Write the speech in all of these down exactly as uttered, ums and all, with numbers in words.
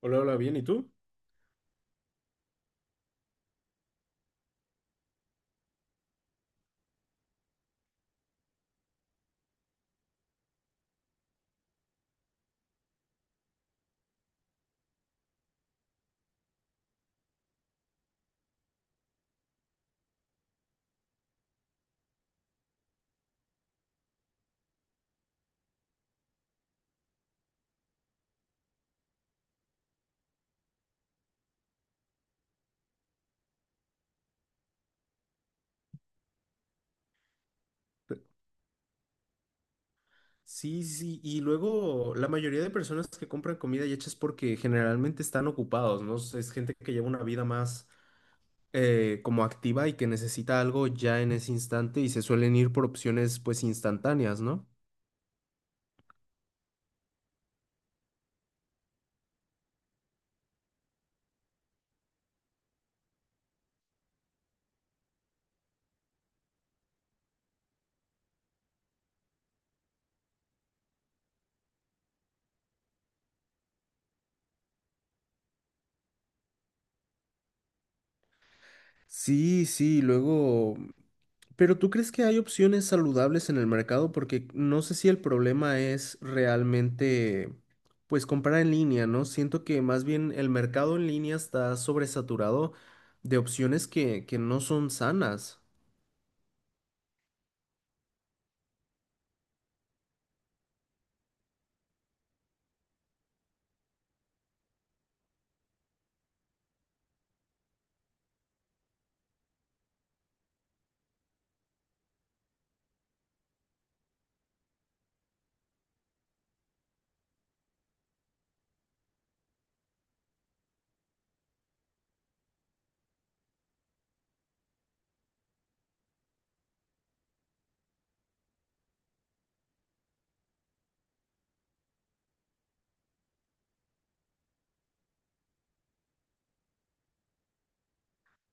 Hola, hola, bien, ¿y tú? Sí, sí, y luego la mayoría de personas que compran comida y hecha es porque generalmente están ocupados, ¿no? Es gente que lleva una vida más eh, como activa y que necesita algo ya en ese instante y se suelen ir por opciones pues instantáneas, ¿no? Sí, sí, luego. Pero ¿tú crees que hay opciones saludables en el mercado? Porque no sé si el problema es realmente, pues, comprar en línea, ¿no? Siento que más bien el mercado en línea está sobresaturado de opciones que, que no son sanas.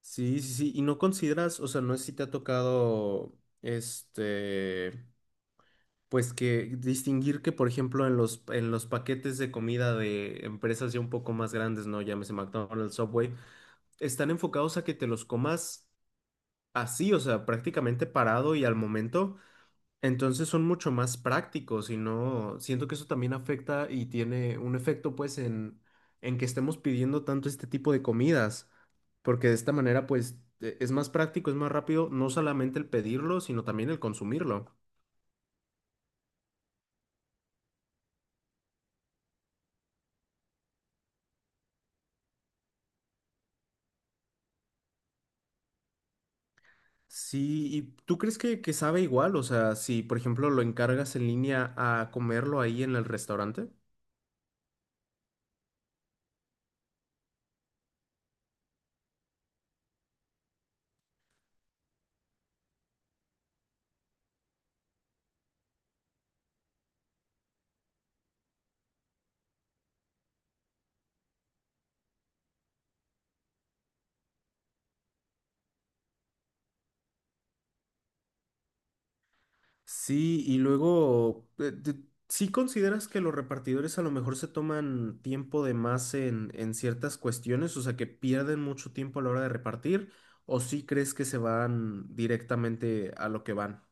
Sí, sí, sí. Y no consideras, o sea, no sé si te ha tocado, este, pues que distinguir que, por ejemplo, en los, en los paquetes de comida de empresas ya un poco más grandes, ¿no? Llámese McDonald's, Subway, están enfocados a que te los comas así, o sea, prácticamente parado y al momento, entonces son mucho más prácticos y no, siento que eso también afecta y tiene un efecto pues en, en que estemos pidiendo tanto este tipo de comidas, porque de esta manera pues e- es más práctico, es más rápido, no solamente el pedirlo, sino también el consumirlo. Sí, ¿y tú crees que, que sabe igual? O sea, si por ejemplo lo encargas en línea a comerlo ahí en el restaurante. Sí, y luego, eh, de- ¿Sí consideras que los repartidores a lo mejor se toman tiempo de más en, en ciertas cuestiones? O sea, que pierden mucho tiempo a la hora de repartir, ¿o sí crees que se van directamente a lo que van?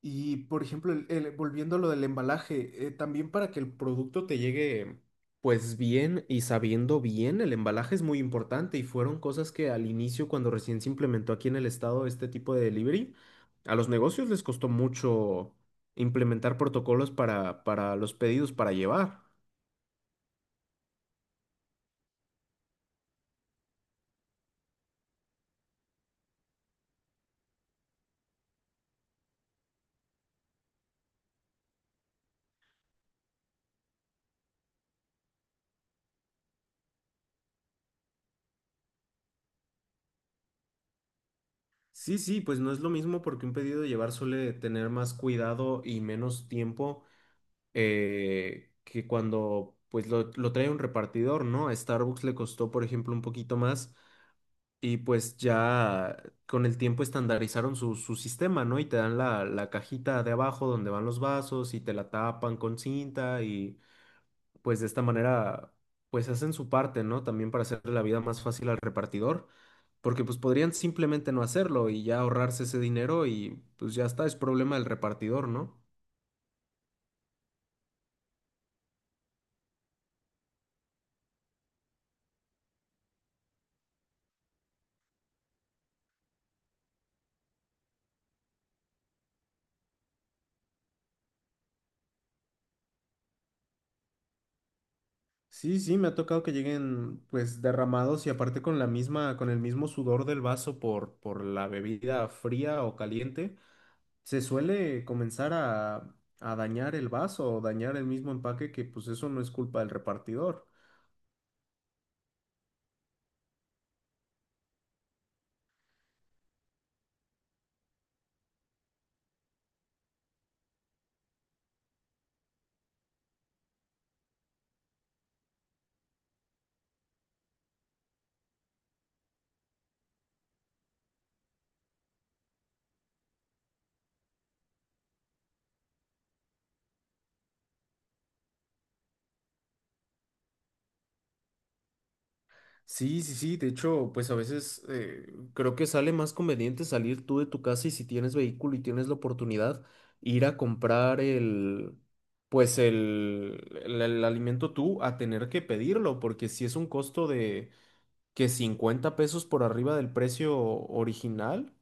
Y por ejemplo, el- el- volviendo a lo del embalaje, eh, también para que el producto te llegue pues bien y sabiendo bien, el embalaje es muy importante y fueron cosas que al inicio, cuando recién se implementó aquí en el estado este tipo de delivery, a los negocios les costó mucho implementar protocolos para, para los pedidos para llevar. Sí, sí, pues no es lo mismo porque un pedido de llevar suele tener más cuidado y menos tiempo eh, que cuando pues lo, lo trae un repartidor, ¿no? A Starbucks le costó, por ejemplo, un poquito más y pues ya con el tiempo estandarizaron su, su sistema, ¿no? Y te dan la, la cajita de abajo donde van los vasos y te la tapan con cinta y pues de esta manera pues hacen su parte, ¿no? También para hacerle la vida más fácil al repartidor. Porque pues podrían simplemente no hacerlo y ya ahorrarse ese dinero y pues ya está, es problema del repartidor, ¿no? Sí, sí, me ha tocado que lleguen pues derramados y aparte con la misma, con el mismo sudor del vaso por, por la bebida fría o caliente, se suele comenzar a, a dañar el vaso o dañar el mismo empaque que pues eso no es culpa del repartidor. Sí, sí, sí, de hecho, pues a veces eh, creo que sale más conveniente salir tú de tu casa y si tienes vehículo y tienes la oportunidad, ir a comprar el, pues el, el, el alimento tú a tener que pedirlo, porque si es un costo de que cincuenta pesos por arriba del precio original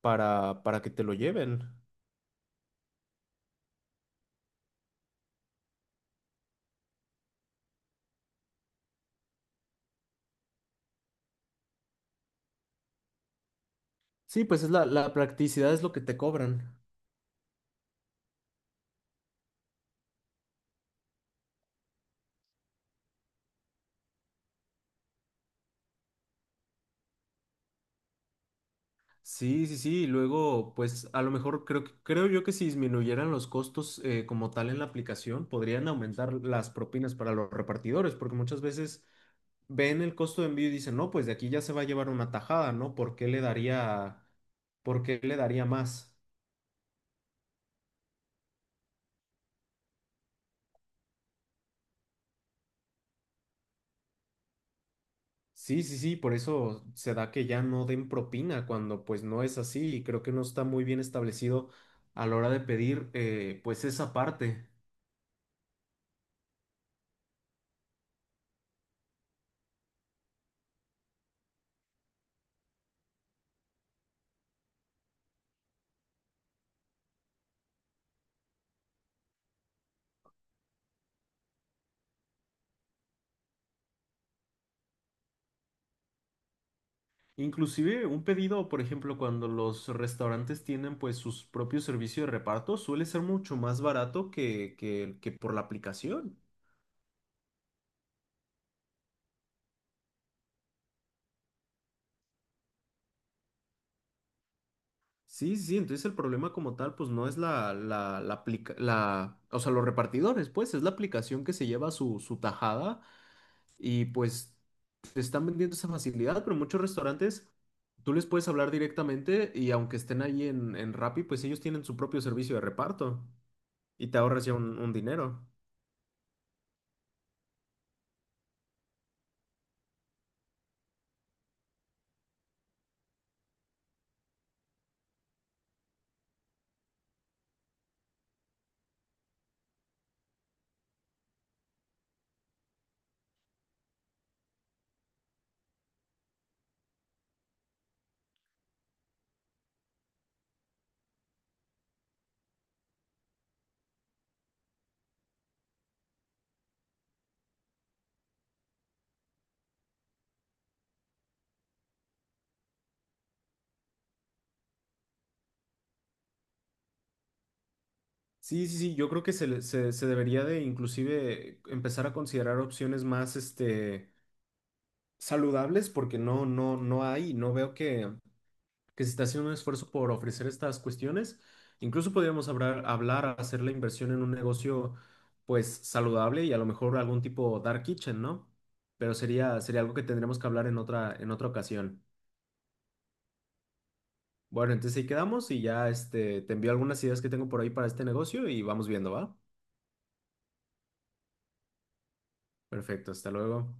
para, para que te lo lleven. Sí, pues es la, la practicidad es lo que te cobran. Sí, sí, sí. Y luego, pues a lo mejor creo, que- creo yo que si disminuyeran los costos eh, como tal en la aplicación, podrían aumentar las propinas para los repartidores, porque muchas veces ven el costo de envío y dicen, no, pues de aquí ya se va a llevar una tajada, ¿no? ¿Por qué le daría, por qué le daría más? Sí, sí, sí, por eso se da que ya no den propina cuando pues no es así y creo que no está muy bien establecido a la hora de pedir eh, pues esa parte. Inclusive un pedido, por ejemplo, cuando los restaurantes tienen pues sus propios servicios de reparto, suele ser mucho más barato que, que, que por la aplicación. Sí, sí, entonces el problema como tal pues no es la, la, la, aplica- la, o sea, los repartidores, pues es la aplicación que se lleva su, su tajada y pues te están vendiendo esa facilidad, pero muchos restaurantes tú les puedes hablar directamente y aunque estén ahí en, en Rappi, pues ellos tienen su propio servicio de reparto y te ahorras ya un un dinero. Sí, sí, sí, yo creo que se, le- se, se debería de inclusive empezar a considerar opciones más este, saludables porque no, no, no hay, no veo que, que se está haciendo un esfuerzo por ofrecer estas cuestiones. Incluso podríamos hablar, hablar, hacer la inversión en un negocio pues saludable y a lo mejor algún tipo dark kitchen, ¿no? Pero sería, sería algo que tendremos que hablar en otra, en otra ocasión. Bueno, entonces ahí quedamos y ya este, te envío algunas ideas que tengo por ahí para este negocio y vamos viendo, ¿va? Perfecto, hasta luego.